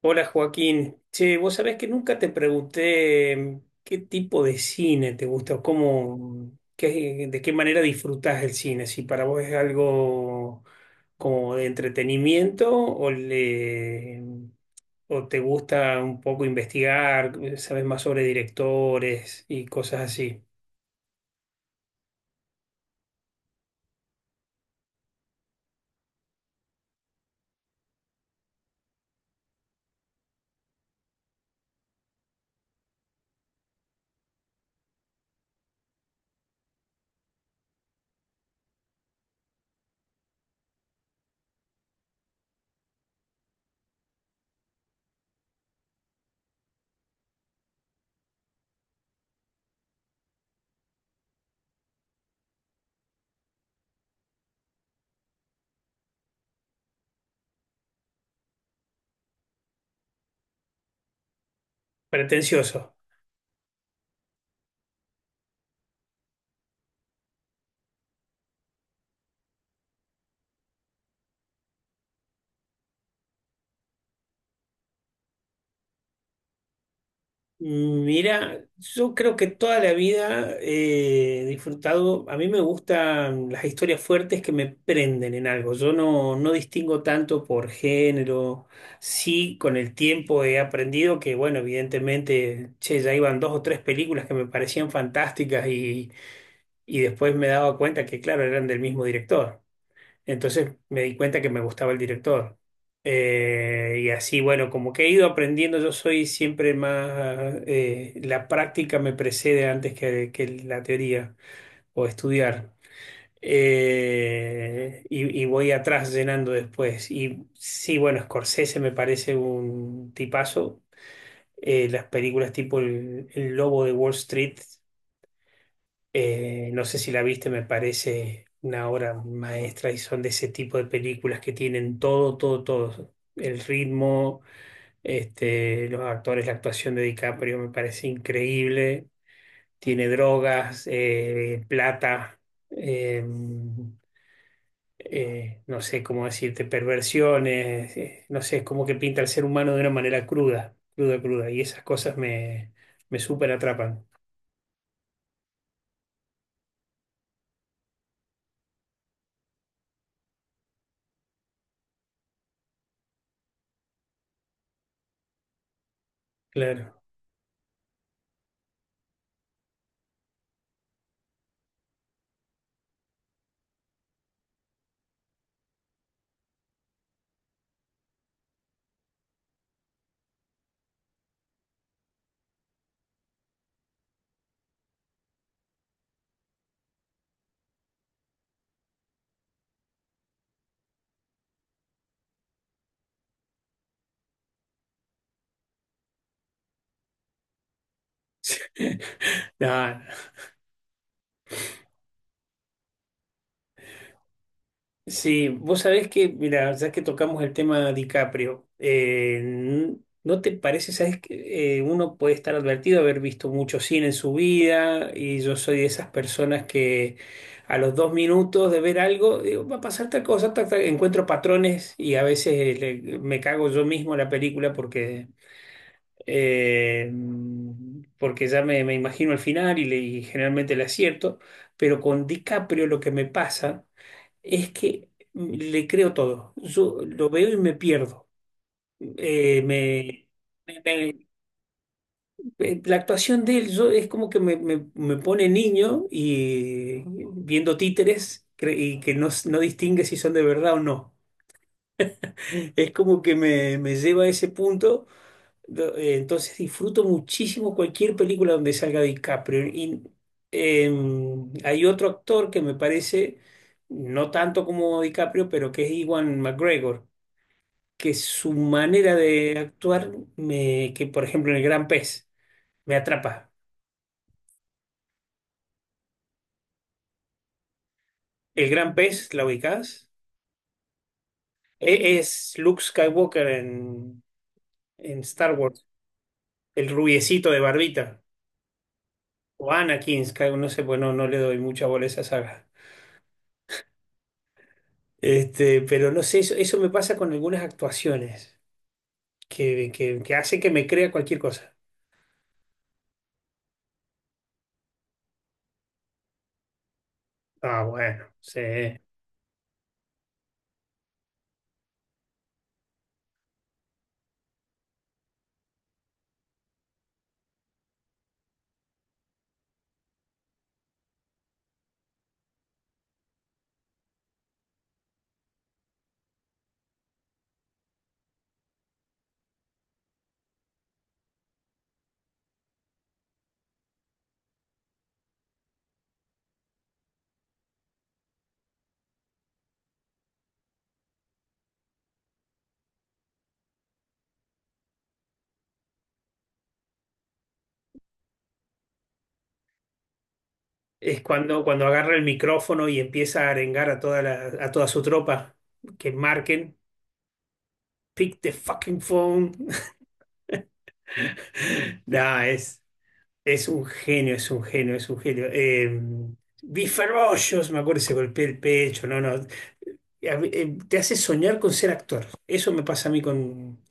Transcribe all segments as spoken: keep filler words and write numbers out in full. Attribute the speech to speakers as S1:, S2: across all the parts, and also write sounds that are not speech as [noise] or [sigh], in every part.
S1: Hola Joaquín, che, vos sabés que nunca te pregunté mm, qué tipo de cine te gusta o cómo, mm, qué- de qué manera disfrutás el cine, si para vos es algo como de entretenimiento o, le, mm, o te gusta un poco investigar, sabes más sobre directores y cosas así. Pretencioso. Mira, yo creo que toda la vida eh, he disfrutado, a mí me gustan las historias fuertes que me prenden en algo, yo no, no distingo tanto por género, sí con el tiempo he aprendido que, bueno, evidentemente, che, ya iban dos o tres películas que me parecían fantásticas y, y después me daba cuenta que, claro, eran del mismo director. Entonces me di cuenta que me gustaba el director. Eh, y así, bueno, como que he ido aprendiendo, yo soy siempre más, eh, la práctica me precede antes que, que la teoría o estudiar. Eh, y, y voy atrás llenando después. Y sí, bueno, Scorsese me parece un tipazo. Eh, las películas tipo El, El Lobo de Wall Street eh, no sé si la viste, me parece una obra maestra y son de ese tipo de películas que tienen todo, todo, todo. El ritmo, este, los actores, la actuación de DiCaprio me parece increíble. Tiene drogas, eh, plata, eh, eh, no sé cómo decirte, perversiones, eh, no sé, es como que pinta al ser humano de una manera cruda, cruda, cruda. Y esas cosas me, me súper atrapan. Claro. [laughs] No. Sí, vos sabés que, mira, ya que tocamos el tema DiCaprio, eh, n- ¿no te parece? Sabes que eh, uno puede estar advertido de haber visto mucho cine en su vida y yo soy de esas personas que a los dos minutos de ver algo, digo, va a pasar tal cosa, tal, tal", encuentro patrones y a veces eh, le- me cago yo mismo en la película porque, eh, porque ya me, me imagino el final y, le- y generalmente le acierto, pero con DiCaprio lo que me pasa es que le creo todo. Yo lo veo y me pierdo. Eh, me, me- me- eh, la actuación de él yo, es como que me, me- me pone niño y viendo títeres cre- y que no, no distingue si son de verdad o no. Es como que me, me lleva a ese punto. Do- eh, Entonces disfruto muchísimo cualquier película donde salga DiCaprio. Y em, hay otro actor que me parece, no tanto como DiCaprio, pero que es Iwan McGregor que su manera de actuar me, que por ejemplo en el Gran Pez, me atrapa. El Gran Pez, ¿la ubicás? E- Es Luke Skywalker en, en Star Wars, el rubiecito de barbita, o Anakin Skywalker, no sé, pues no, no le doy mucha bola a esa saga. Este, pero no sé, eso, eso me pasa con algunas actuaciones que, que, que hace que me crea cualquier cosa. Ah, bueno, sí. Es cuando, cuando agarra el micrófono y empieza a arengar a toda la, a toda su tropa que marquen. Pick the fucking phone. [laughs] Nah, es, es un genio, es un genio, es un genio. Eh, vi Ferocious, me acuerdo, se golpeó el pecho, no, no. A mí, eh, te hace soñar con ser actor. Eso me pasa a mí con,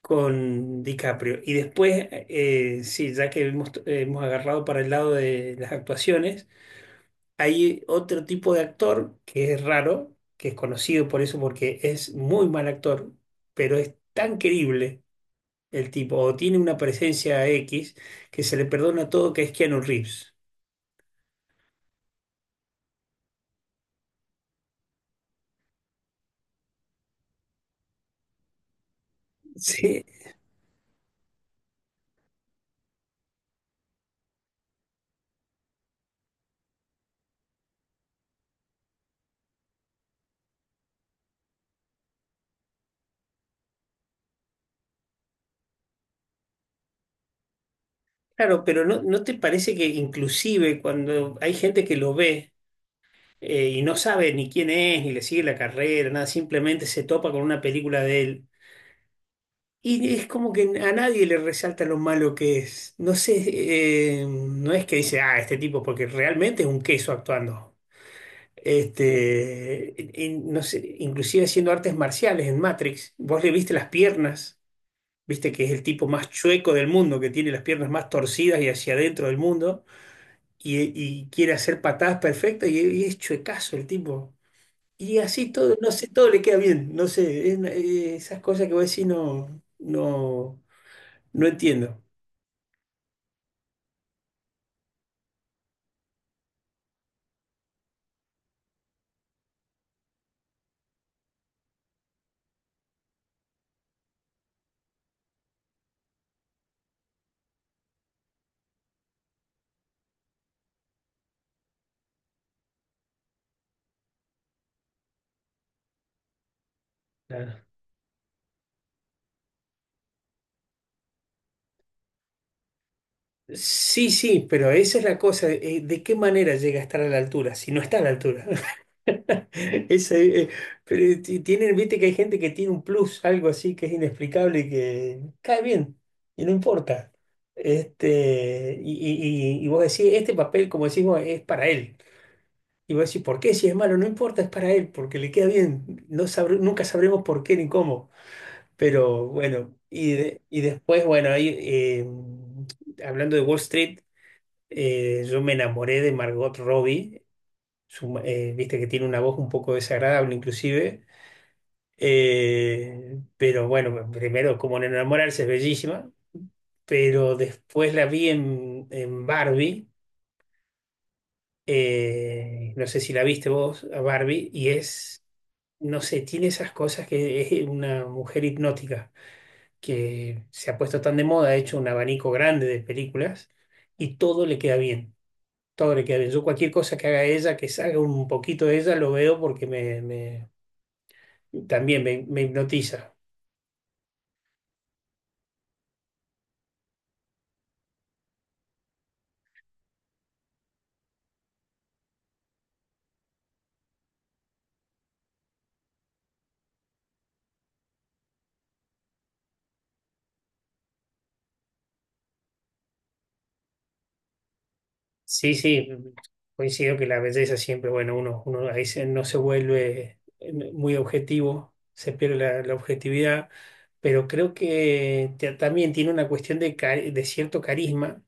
S1: con DiCaprio. Y después, eh, sí, ya que hemos, hemos agarrado para el lado de las actuaciones, hay otro tipo de actor que es raro, que es conocido por eso porque es muy mal actor, pero es tan querible el tipo, o tiene una presencia X que se le perdona todo, que es Keanu Reeves. Sí, claro, pero ¿no, no te parece que inclusive cuando hay gente que lo ve eh, y no sabe ni quién es, ni le sigue la carrera, nada, simplemente se topa con una película de él y es como que a nadie le resalta lo malo que es? No sé, eh, no es que dice, ah, este tipo, porque realmente es un queso actuando. Este, y- y no sé, inclusive haciendo artes marciales en Matrix, vos le viste las piernas, viste que es el tipo más chueco del mundo, que tiene las piernas más torcidas y hacia adentro del mundo, y, y quiere hacer patadas perfectas y, y es chuecazo el tipo. Y así todo, no sé, todo le queda bien, no sé, es una- eh, esas cosas que voy a decir no, no, no entiendo. Claro. Sí, sí, pero esa es la cosa, eh, ¿de qué manera llega a estar a la altura si no está a la altura? [laughs] Ese, eh, pero eh, ti- tienen, viste que hay gente que tiene un plus, algo así que es inexplicable y que cae bien y no importa. Este, y, y- y- y vos decís, este papel, como decimos, es para él. Y vos decís, ¿por qué? Si es malo, no importa, es para él, porque le queda bien. No sabré- nunca sabremos por qué ni cómo. Pero bueno, y, de- y después, bueno, ahí, eh, hablando de Wall Street, eh, yo me enamoré de Margot Robbie, su- eh, viste que tiene una voz un poco desagradable inclusive, eh, pero bueno, primero como en enamorarse es bellísima, pero después la vi en, en Barbie, eh, no sé si la viste vos a Barbie, y es, no sé, tiene esas cosas que es una mujer hipnótica, que se ha puesto tan de moda, ha hecho un abanico grande de películas y todo le queda bien. Todo le queda bien. Yo cualquier cosa que haga ella, que salga un poquito de ella, lo veo porque también me, me hipnotiza. Sí, sí, coincido que la belleza siempre, bueno, uno, uno ahí se- no se vuelve eh, muy objetivo, se pierde la, la objetividad, pero creo que te- también tiene una cuestión de, cari- de cierto carisma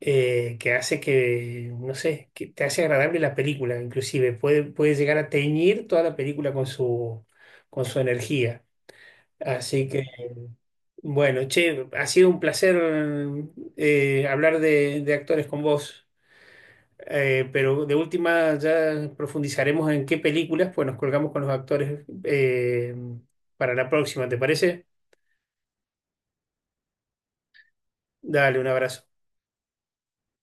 S1: eh, que hace que, no sé, que te hace agradable la película, inclusive puede, puede llegar a teñir toda la película con su, con su energía. Así que, bueno, che, ha sido un placer eh, hablar de, de actores con vos. Eh, pero de última ya profundizaremos en qué películas, pues nos colgamos con los actores eh, para la próxima, ¿te parece? Dale, un abrazo.